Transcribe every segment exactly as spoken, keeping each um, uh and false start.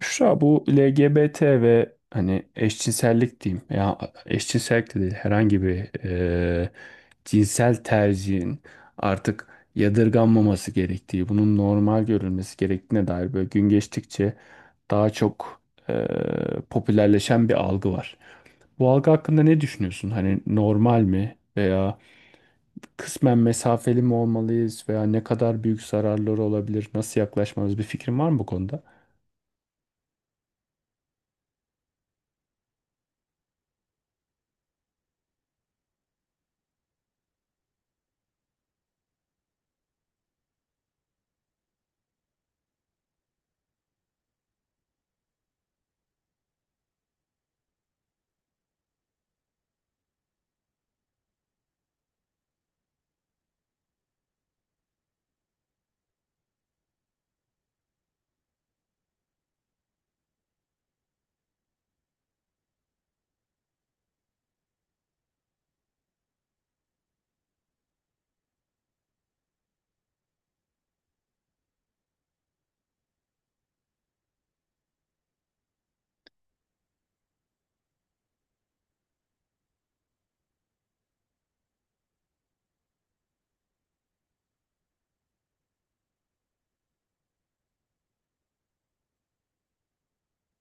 Büşra bu L G B T ve hani eşcinsellik diyeyim. Ya eşcinsellik de değil herhangi bir e, cinsel tercihin artık yadırganmaması gerektiği, bunun normal görülmesi gerektiğine dair böyle gün geçtikçe daha çok e, popülerleşen bir algı var. Bu algı hakkında ne düşünüyorsun? Hani normal mi veya kısmen mesafeli mi olmalıyız veya ne kadar büyük zararları olabilir? Nasıl yaklaşmalıyız? Bir fikrin var mı bu konuda?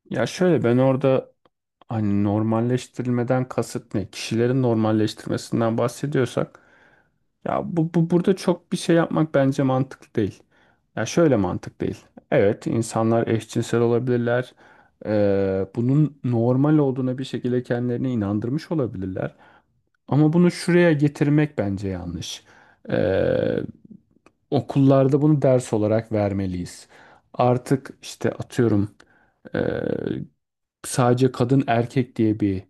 Ya şöyle ben orada. Hani normalleştirilmeden kasıt ne? Kişilerin normalleştirmesinden bahsediyorsak ya bu, bu burada çok bir şey yapmak bence mantıklı değil. Ya şöyle mantık değil. Evet insanlar eşcinsel olabilirler. Ee, bunun normal olduğuna bir şekilde kendilerini inandırmış olabilirler. Ama bunu şuraya getirmek bence yanlış. Ee, Okullarda bunu ders olarak vermeliyiz. Artık işte atıyorum ee, sadece kadın erkek diye bir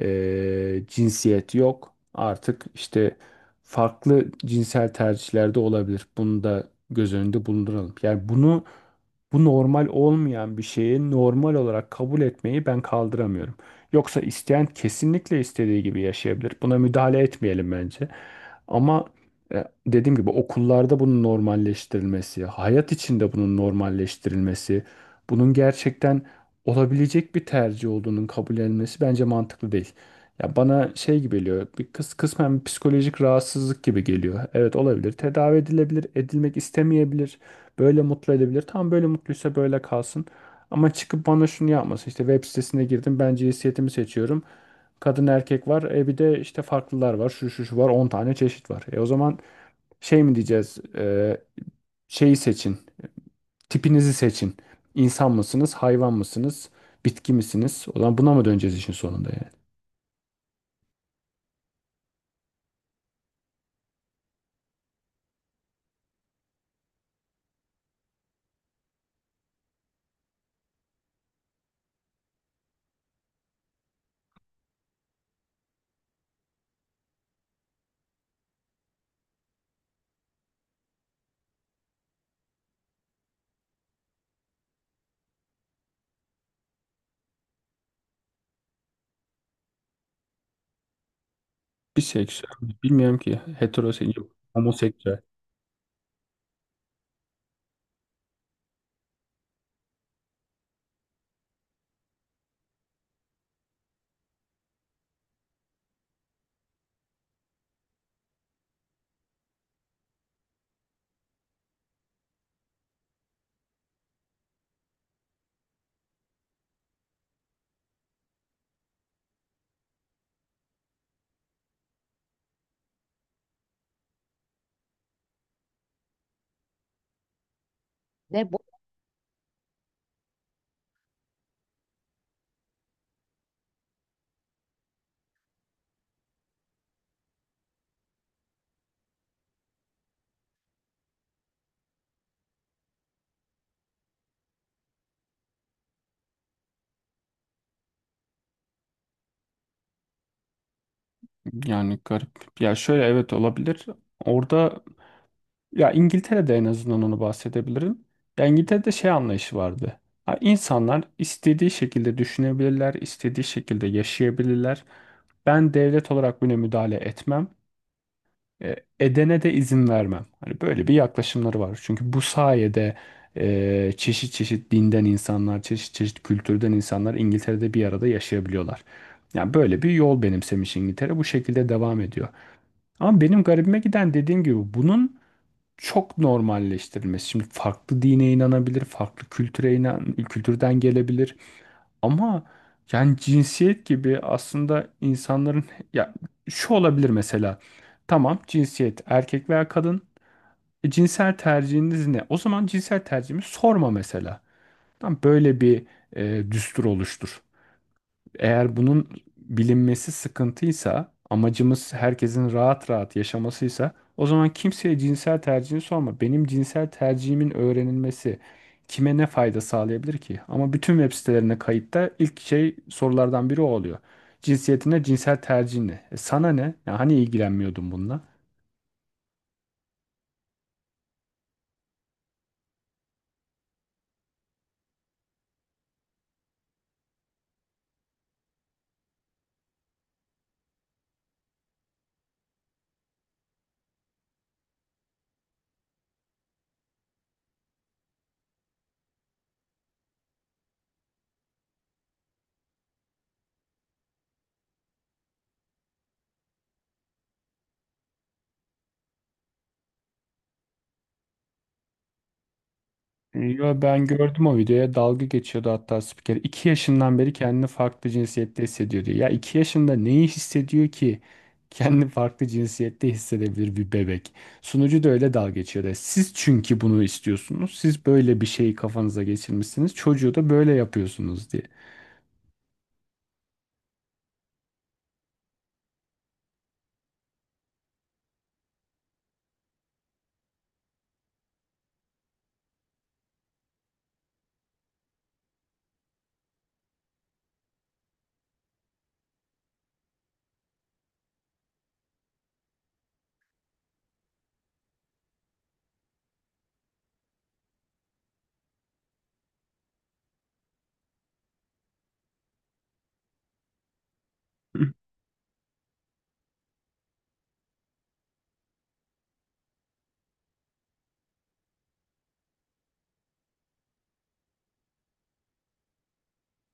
e, cinsiyet yok. Artık işte farklı cinsel tercihlerde olabilir. Bunu da göz önünde bulunduralım. Yani bunu bu normal olmayan bir şeyi normal olarak kabul etmeyi ben kaldıramıyorum. Yoksa isteyen kesinlikle istediği gibi yaşayabilir. Buna müdahale etmeyelim bence. Ama e, dediğim gibi okullarda bunun normalleştirilmesi, hayat içinde bunun normalleştirilmesi, bunun gerçekten olabilecek bir tercih olduğunun kabul edilmesi bence mantıklı değil. Ya bana şey gibi geliyor, bir kıs kısmen bir psikolojik rahatsızlık gibi geliyor. Evet olabilir, tedavi edilebilir, edilmek istemeyebilir. Böyle mutlu edebilir. Tamam böyle mutluysa böyle kalsın. Ama çıkıp bana şunu yapmasın. İşte web sitesine girdim. Ben cinsiyetimi seçiyorum. Kadın erkek var. E bir de işte farklılar var. Şu şu şu var. On tane çeşit var. E o zaman şey mi diyeceğiz? E, şeyi seçin. Tipinizi seçin. İnsan mısınız? Hayvan mısınız? Bitki misiniz? O zaman buna mı döneceğiz işin sonunda yani? Biseksüel. Bilmiyorum ki. Heteroseksüel. Homoseksüel. Ne bu? Yani garip. Ya şöyle evet olabilir. Orada. Ya İngiltere'de en azından onu bahsedebilirim. Ya İngiltere'de şey anlayışı vardı. Ha, İnsanlar istediği şekilde düşünebilirler, istediği şekilde yaşayabilirler. Ben devlet olarak buna müdahale etmem. e, Edene de izin vermem. Hani böyle bir yaklaşımları var. Çünkü bu sayede e, çeşit çeşit dinden insanlar, çeşit çeşit kültürden insanlar İngiltere'de bir arada yaşayabiliyorlar. Yani böyle bir yol benimsemiş İngiltere. Bu şekilde devam ediyor. Ama benim garibime giden dediğim gibi bunun çok normalleştirilmesi. Şimdi farklı dine inanabilir, farklı kültüre inan, kültürden gelebilir. Ama yani cinsiyet gibi aslında insanların ya şu olabilir mesela. Tamam cinsiyet erkek veya kadın. E, cinsel tercihiniz ne? O zaman cinsel tercihimi sorma mesela. Tamam böyle bir e, düstur oluştur. Eğer bunun bilinmesi sıkıntıysa, amacımız herkesin rahat rahat yaşamasıysa, o zaman kimseye cinsel tercihini sorma. Benim cinsel tercihimin öğrenilmesi kime ne fayda sağlayabilir ki? Ama bütün web sitelerine kayıtta ilk şey sorulardan biri o oluyor. Cinsiyetine, cinsel tercihine. E sana ne? Ya hani ilgilenmiyordun bununla? Yo, ben gördüm o videoya dalga geçiyordu hatta spiker. iki yaşından beri kendini farklı cinsiyette hissediyor diyor. Ya iki yaşında neyi hissediyor ki kendini farklı cinsiyette hissedebilir bir bebek? Sunucu da öyle dalga geçiyordu. Siz çünkü bunu istiyorsunuz. Siz böyle bir şeyi kafanıza geçirmişsiniz. Çocuğu da böyle yapıyorsunuz diye.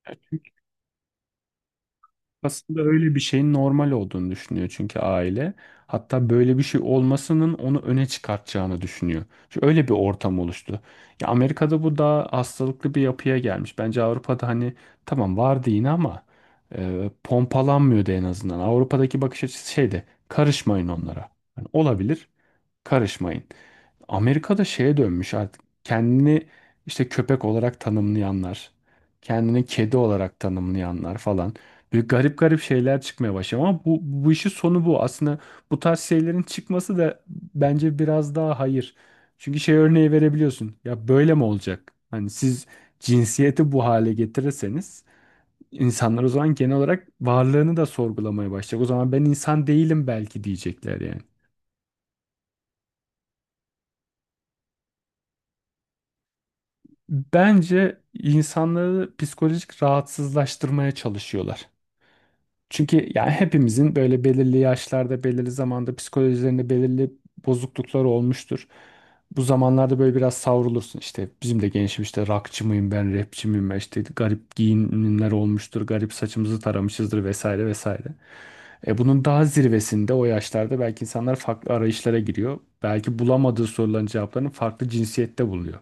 Aslında öyle bir şeyin normal olduğunu düşünüyor çünkü aile. Hatta böyle bir şey olmasının onu öne çıkartacağını düşünüyor. Çünkü öyle bir ortam oluştu. Ya Amerika'da bu daha hastalıklı bir yapıya gelmiş. Bence Avrupa'da hani tamam vardı yine ama e, pompalanmıyordu en azından. Avrupa'daki bakış açısı şeydi. Karışmayın onlara. Hani olabilir. Karışmayın. Amerika'da şeye dönmüş artık kendini işte köpek olarak tanımlayanlar, kendini kedi olarak tanımlayanlar falan. Böyle garip garip şeyler çıkmaya başlıyor ama bu, bu işin sonu bu. Aslında bu tarz şeylerin çıkması da bence biraz daha hayır. Çünkü şey örneği verebiliyorsun. Ya böyle mi olacak? Hani siz cinsiyeti bu hale getirirseniz insanlar o zaman genel olarak varlığını da sorgulamaya başlayacak. O zaman ben insan değilim belki diyecekler yani. Bence insanları psikolojik rahatsızlaştırmaya çalışıyorlar. Çünkü yani hepimizin böyle belirli yaşlarda, belirli zamanda psikolojilerinde belirli bozukluklar olmuştur. Bu zamanlarda böyle biraz savrulursun. İşte bizim de gençim işte rockçı mıyım ben, rapçi miyim ben, işte garip giyinimler olmuştur, garip saçımızı taramışızdır vesaire vesaire. E bunun daha zirvesinde o yaşlarda belki insanlar farklı arayışlara giriyor. Belki bulamadığı soruların cevaplarını farklı cinsiyette buluyor.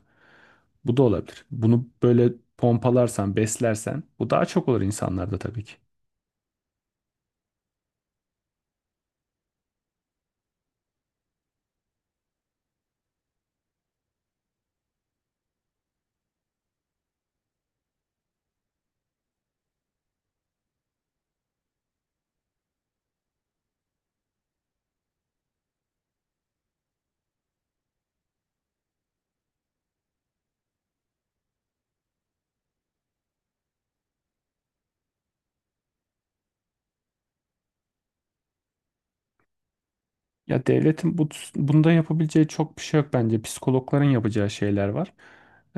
Bu da olabilir. Bunu böyle pompalarsan, beslersen bu daha çok olur insanlarda tabii ki. Ya devletin bu, bunda yapabileceği çok bir şey yok bence. Psikologların yapacağı şeyler var.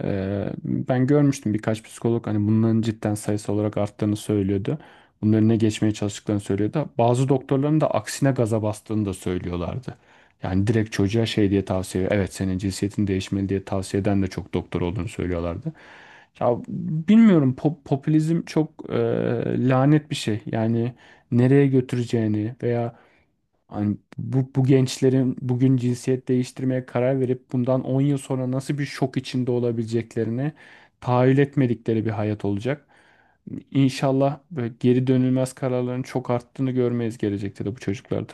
Ee, ben görmüştüm birkaç psikolog hani bunların cidden sayısı olarak arttığını söylüyordu. Bunun önüne geçmeye çalıştıklarını söylüyordu. Bazı doktorların da aksine gaza bastığını da söylüyorlardı. Yani direkt çocuğa şey diye tavsiye, evet senin cinsiyetin değişmeli diye tavsiye eden de çok doktor olduğunu söylüyorlardı. Ya bilmiyorum pop- popülizm çok e, lanet bir şey. Yani nereye götüreceğini veya hani bu, bu gençlerin bugün cinsiyet değiştirmeye karar verip bundan on yıl sonra nasıl bir şok içinde olabileceklerini tahayyül etmedikleri bir hayat olacak. İnşallah böyle geri dönülmez kararların çok arttığını görmeyiz gelecekte de bu çocuklarda.